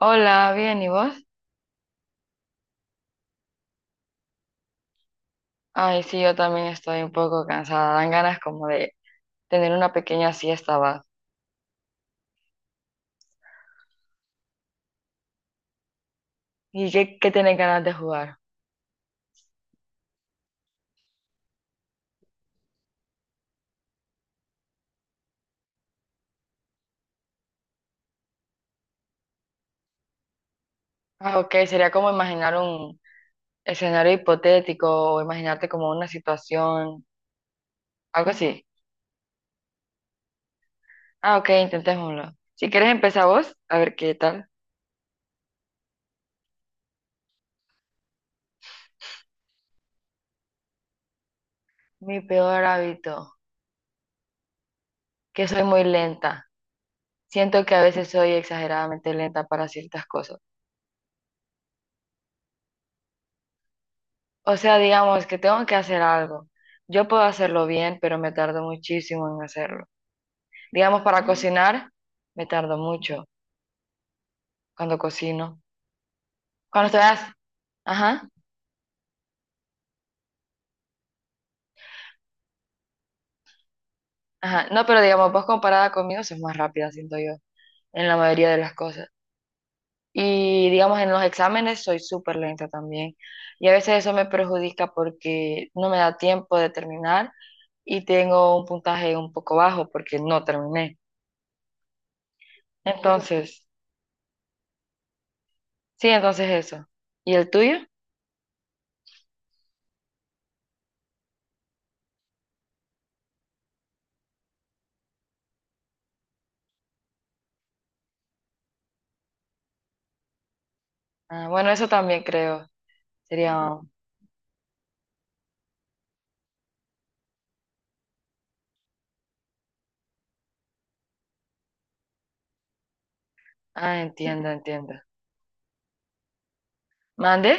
Hola, bien, ¿y vos? Ay, sí, yo también estoy un poco cansada. Dan ganas como de tener una pequeña siesta, va. ¿Y qué tenés ganas de jugar? Ah, ok, sería como imaginar un escenario hipotético o imaginarte como una situación, algo así. Ah, ok, intentémoslo. Si quieres empezar vos, a ver qué tal. Mi peor hábito, que soy muy lenta. Siento que a veces soy exageradamente lenta para ciertas cosas. O sea, digamos que tengo que hacer algo. Yo puedo hacerlo bien, pero me tardo muchísimo en hacerlo. Digamos, para cocinar, me tardo mucho cuando cocino. Cuando Ajá, ajá. No, pero digamos, vos comparada conmigo sos más rápida, siento yo, en la mayoría de las cosas. Y digamos, en los exámenes soy súper lenta también. Y a veces eso me perjudica porque no me da tiempo de terminar y tengo un puntaje un poco bajo porque no terminé. Entonces, sí, entonces eso. ¿Y el tuyo? Ah, bueno, eso también creo. Sería. Ah, entiendo, entiendo. ¿Mande?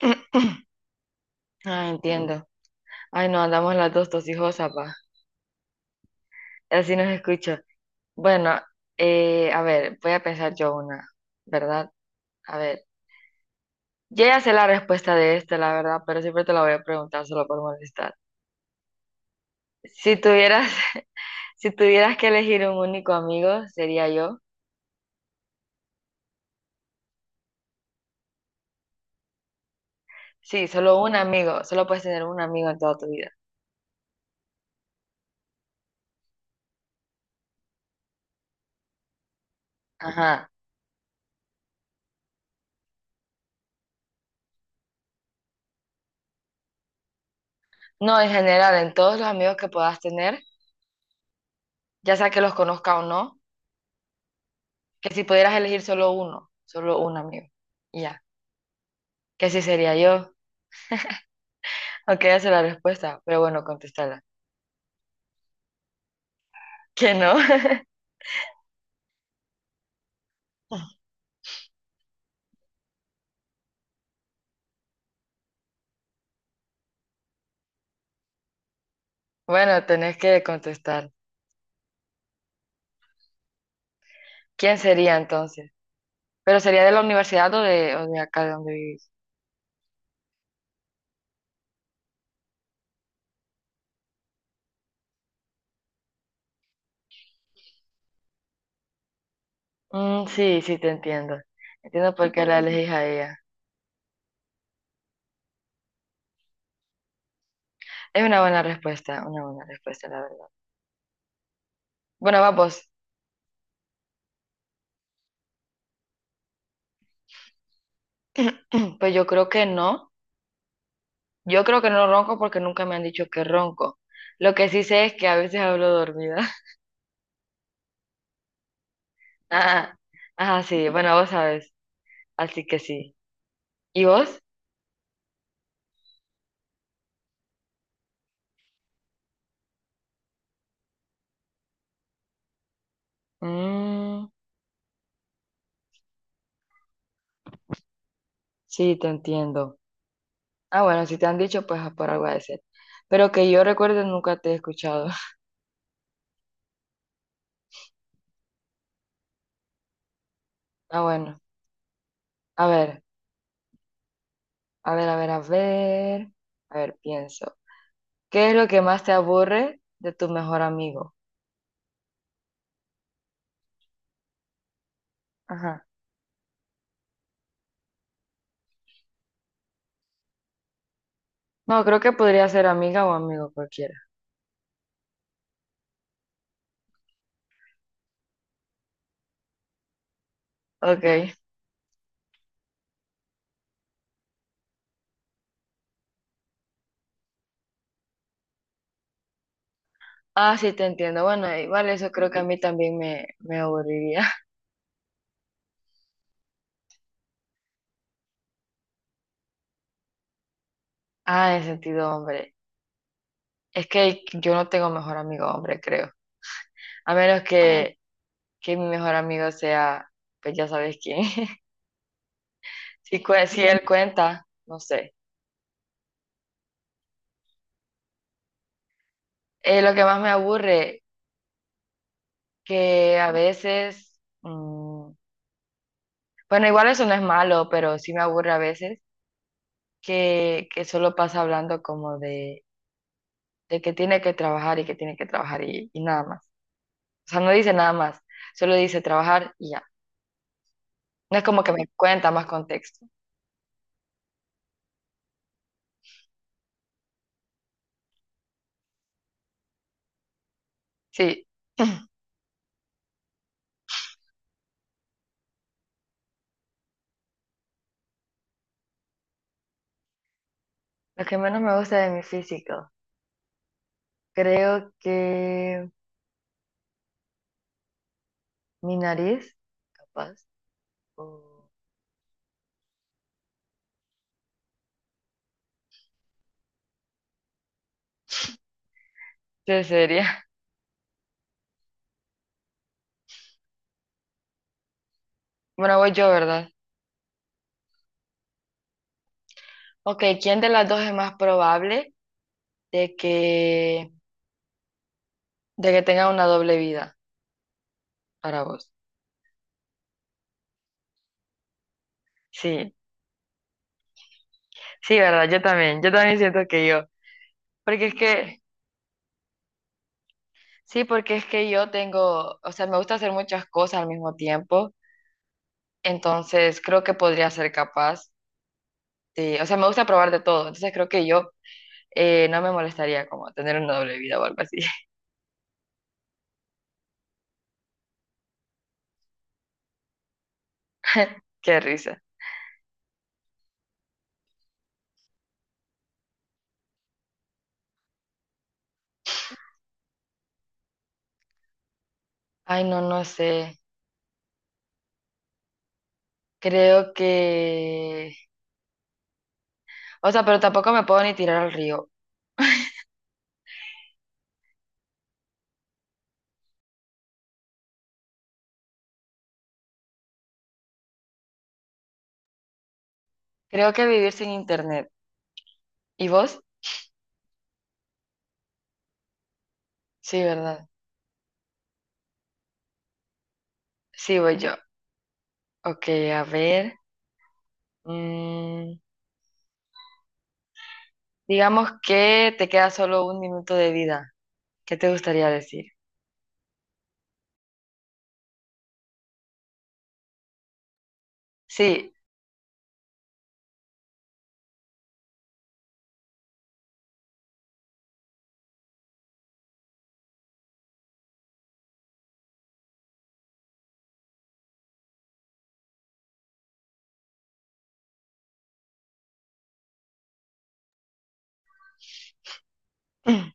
Ah, entiendo. Ay, no, andamos las dos tosijosas, pa. Así nos escucha. Bueno, a ver, voy a pensar yo una, ¿verdad? A ver, yo ya sé la respuesta de esta, la verdad, pero siempre te la voy a preguntar solo por molestar. Si tuvieras, si tuvieras que elegir un único amigo, sería yo. Sí, solo un amigo, solo puedes tener un amigo en toda tu vida. Ajá. No, en general, en todos los amigos que puedas tener ya sea que los conozca o no, que si pudieras elegir solo uno, solo un amigo, y ya, que si sería yo, aunque ya sé la respuesta, pero bueno, contestarla. Que no, bueno, tenés que contestar. ¿Quién sería entonces? ¿Pero sería de la universidad o o de acá de donde vivís? Mm, sí, sí, te entiendo. Entiendo por qué la elegís a ella. Es una buena respuesta, la verdad. Bueno, vamos. Pues yo creo que no. Yo creo que no ronco porque nunca me han dicho que ronco. Lo que sí sé es que a veces hablo dormida. Ah, ah, sí, bueno, vos sabes, así que sí. ¿Y vos? Mm, sí, te entiendo. Ah, bueno, si te han dicho, pues ah, por algo ha de ser. Pero que yo recuerde nunca te he escuchado. Ah, bueno, a ver, a ver, a ver, a ver, a ver, pienso. ¿Qué es lo que más te aburre de tu mejor amigo? Ajá. No, creo que podría ser amiga o amigo cualquiera. Ok. Ah, sí, te entiendo. Bueno, igual eso creo que a mí también me aburriría. Ah, en sentido hombre. Es que yo no tengo mejor amigo hombre, creo. A menos Ah, que mi mejor amigo sea, pues ya sabes quién. Si sí, él cuenta, no sé. Lo que más me aburre, que a veces, mm, bueno, igual eso no es malo, pero sí me aburre a veces que solo pasa hablando como de que tiene que trabajar y que tiene que trabajar y nada más. O sea, no dice nada más, solo dice trabajar y ya. No es como que me cuenta más contexto. Sí. Lo que menos me gusta de mi físico. Creo que mi nariz, capaz. O- Sí, sería. Bueno, voy yo, ¿verdad? Ok, ¿quién de las dos es más probable de que, de que tenga una doble vida para vos? Sí, sí, ¿verdad? Yo también siento que yo. Porque es que, sí, porque es que yo tengo, o sea, me gusta hacer muchas cosas al mismo tiempo, entonces creo que podría ser capaz de, o sea, me gusta probar de todo, entonces creo que yo no me molestaría como tener una doble vida o algo así. Qué risa. Ay, no, no sé. Creo que... O sea, pero tampoco me puedo ni tirar al río. Creo que vivir sin internet. ¿Y vos? Sí, ¿verdad? Sí, voy yo. Ok, a ver. Mm, digamos que te queda solo un minuto de vida. ¿Qué te gustaría decir? Sí,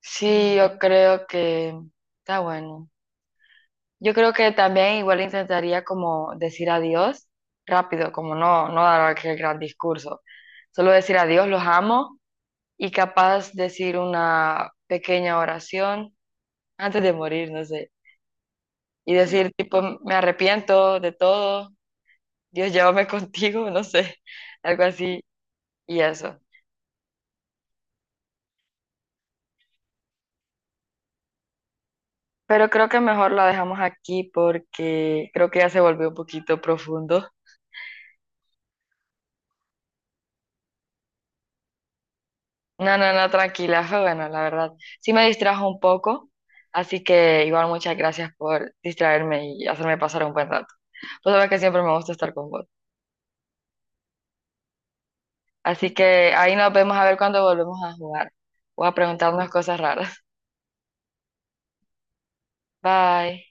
sí, yo creo que... Está bueno. Yo creo que también igual intentaría como decir adiós rápido, como no dar aquel gran discurso. Solo decir adiós, los amo y capaz decir una pequeña oración antes de morir, no sé, y decir tipo, me arrepiento de todo, Dios llévame contigo, no sé, algo así y eso. Pero creo que mejor la dejamos aquí porque creo que ya se volvió un poquito profundo. No, no, no, tranquila, fue bueno, la verdad. Sí me distrajo un poco, así que igual muchas gracias por distraerme y hacerme pasar un buen rato. Pues sabes que siempre me gusta estar con vos. Así que ahí nos vemos a ver cuando volvemos a jugar o a preguntarnos cosas raras. Bye.